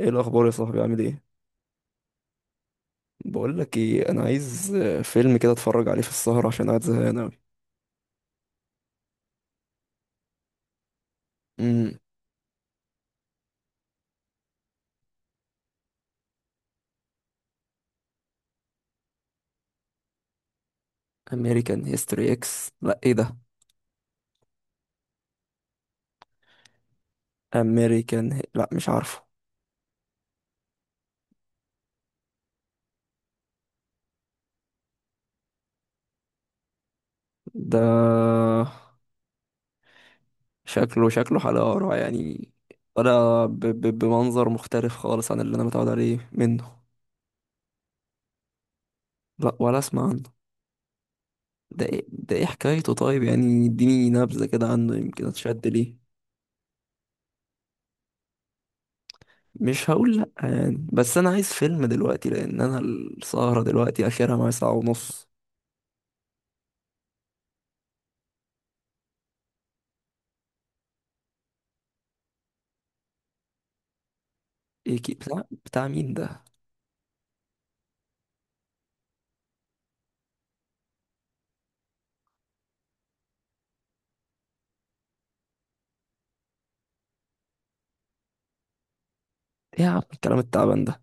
ايه الاخبار يا صاحبي؟ عامل ايه؟ بقول لك ايه، انا عايز فيلم كده اتفرج عليه في السهره عشان قاعد زهقان اوي. امم امريكان هيستوري اكس؟ لا، ايه ده؟ امريكان، لا مش عارفه. ده شكله حلقه قرع يعني، ولا بمنظر مختلف خالص عن اللي انا متعود عليه منه. لا، ولا اسمع عنه. ده ايه؟ حكايته طيب؟ يعني اديني نبذه كده عنه يمكن اتشد ليه. مش هقول لأ يعني، بس أنا عايز فيلم دلوقتي لأن أنا السهرة دلوقتي آخرها معايا ساعة ونص. ايه كي؟ بتاع مين ده؟ ايه يا عم الكلام التعبان ده؟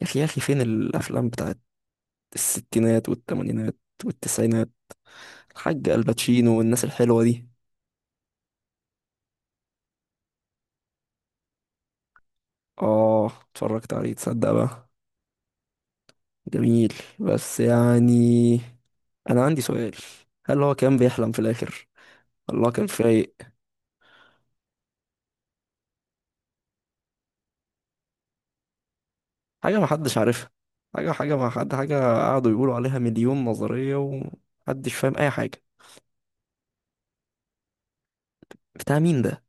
يا اخي فين الافلام بتاعت الستينات والثمانينات والتسعينات، الحاج الباتشينو والناس الحلوه دي؟ اه اتفرجت عليه، تصدق بقى؟ جميل، بس يعني انا عندي سؤال. هل هو كان بيحلم في الاخر؟ الله، كان فايق؟ حاجه ما حدش عارفها. حاجه حاجه ما حد حاجه قعدوا يقولوا عليها مليون نظريه ومحدش فاهم اي حاجه. بتاع مين ده؟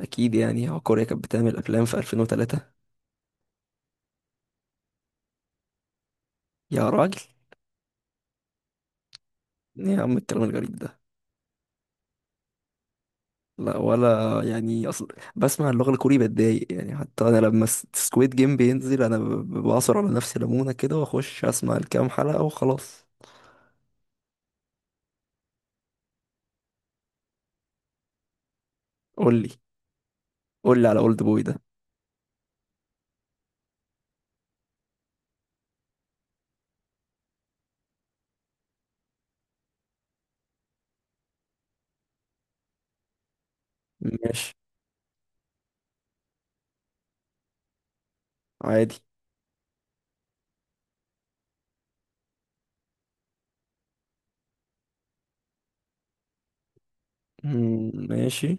اكيد، يعني هو كوريا كانت بتعمل افلام في 2003؟ يا راجل! ايه يا عم الكلام الغريب ده؟ لا، ولا يعني، اصل بسمع اللغة الكوري بتضايق يعني. حتى انا لما سكويد جيم بينزل انا بعصر على نفسي ليمونة كده واخش اسمع الكام حلقة وخلاص. قول لي، قول لي على اولد بوي ده. ماشي. عادي. ماشي.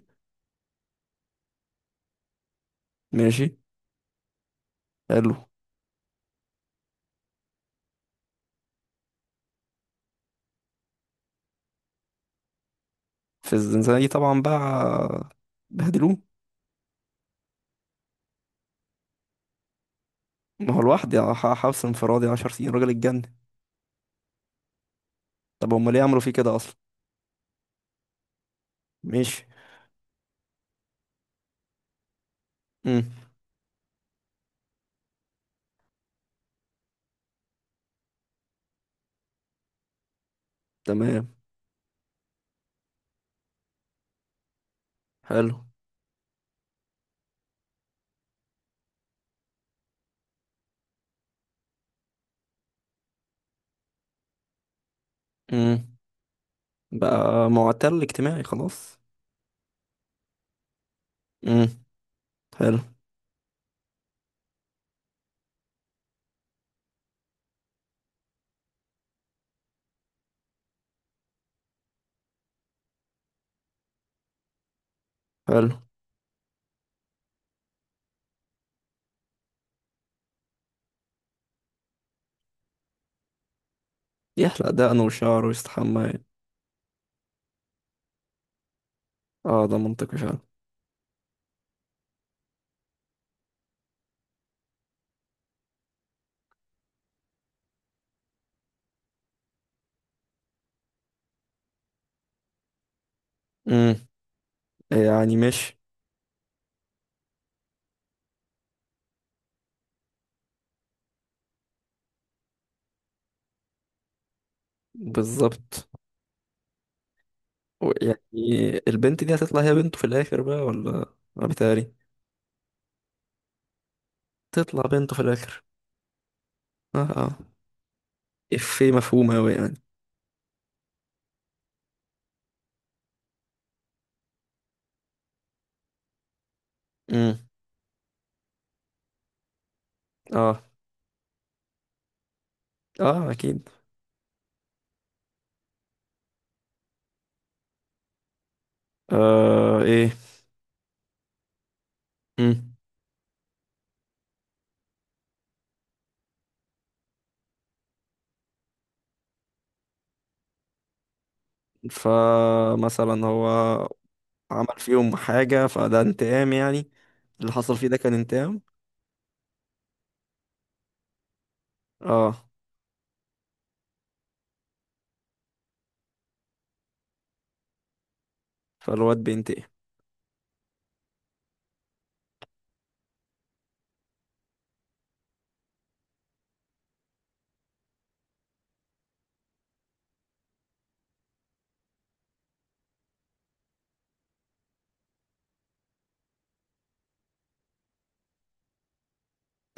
ماشي. حلو. في الزنزانة دي طبعا بقى بهدلوه. ما هو لوحدي، حبس انفرادي عشر سنين، راجل اتجنن. طب هما ليه عملوا فيه كده اصلا؟ ماشي. مم، تمام. حلو. مم. بقى معتل اجتماعي خلاص. امم. حلو. حلو. يحلق دقنه وشعره ويستحمى. اه ده منطقي فعلا. امم. يعني ماشي. بالظبط. يعني البنت دي هتطلع هي بنته في الاخر بقى، ولا بيتهيألي؟ تطلع بنته في الاخر. اه اه. افيه مفهوم اوي يعني. امم. اه اه اكيد. آه ايه. امم. فمثلا هو عمل فيهم حاجة فده انتقام يعني؟ اللي حصل فيه ده كان انتقام؟ اه. فالواد بينتقم.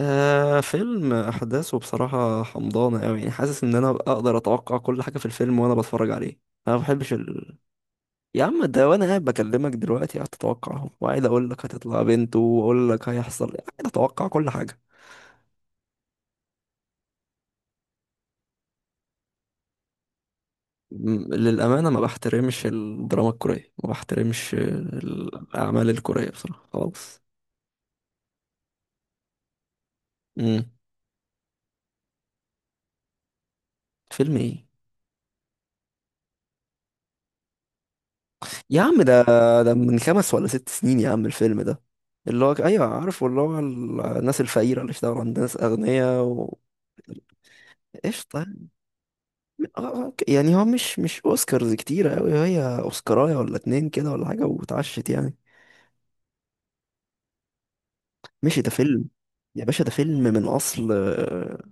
آه فيلم احداثه بصراحه حمضانه قوي، يعني حاسس ان انا اقدر اتوقع كل حاجه في الفيلم وانا بتفرج عليه. انا ما بحبش يا عم ده وانا قاعد بكلمك دلوقتي قاعد اتوقعهم، وقاعد اقول لك هتطلع بنت، واقول لك هيحصل إيه. قاعد اتوقع كل حاجه. للامانه ما بحترمش الدراما الكوريه، ما بحترمش الاعمال الكوريه بصراحه خالص. امم. فيلم ايه؟ يا عم ده، ده من خمس ولا ست سنين يا عم الفيلم ده، اللي هو ايوه عارف اللي هو الناس الفقيرة اللي اشتغلوا عند ناس اغنياء و... قشطة يعني. آه، أوكي. يعني هو مش اوسكارز كتيرة اوي، هي اوسكاراية ولا اتنين كده ولا حاجة واتعشت يعني. ماشي، ده فيلم. يا باشا ده فيلم من اصل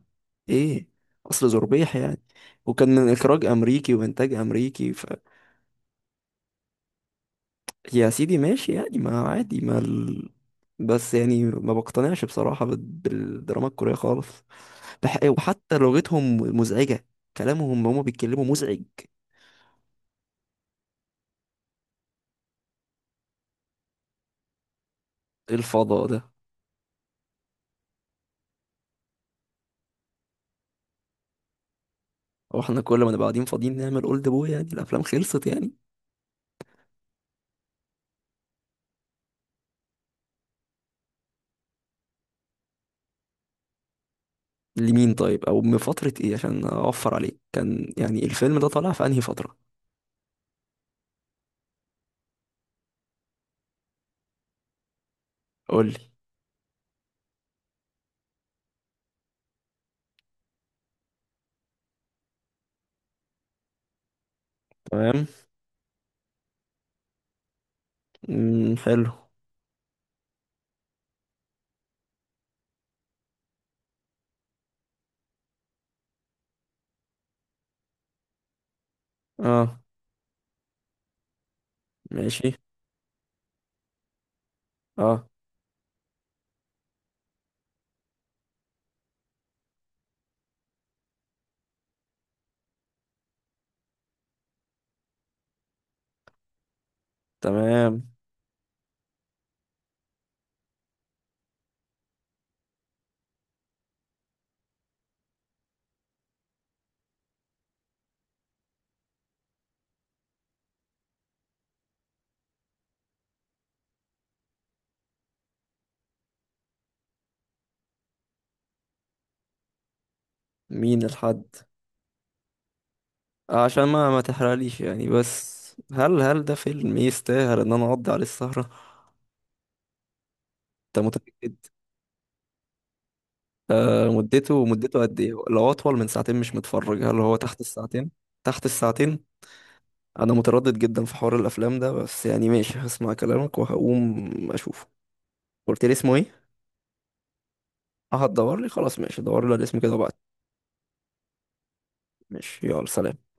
ايه، اصل زربيح يعني، وكان من اخراج امريكي وانتاج امريكي ف... يا سيدي ماشي يعني، ما عادي، ما بس يعني ما بقتنعش بصراحة بالدراما الكورية خالص. وحتى لغتهم مزعجة، كلامهم هما بيتكلموا مزعج. إيه الفضاء ده؟ هو احنا كل ما نبقى قاعدين فاضيين نعمل اولد بوي؟ يعني الافلام خلصت يعني؟ لمين طيب؟ او من فترة ايه، عشان اوفر عليك، كان يعني الفيلم ده طالع في انهي فترة؟ قول لي. تمام. امم. حلو. اه. ماشي. اه. تمام. مين الحد؟ عشان ما تحرقليش يعني، بس هل ده فيلم يستاهل ان انا اقضي عليه السهرة؟ انت متأكد؟ آه، مدته قد ايه؟ لو اطول من ساعتين مش متفرج، هل هو تحت الساعتين؟ تحت الساعتين. انا متردد جدا في حوار الافلام ده، بس يعني ماشي هسمع كلامك وهقوم اشوفه. قلت لي اسمه ايه؟ اه هتدور لي، خلاص ماشي، دور لي على الاسم كده وبعد. ماشي يلا سلام.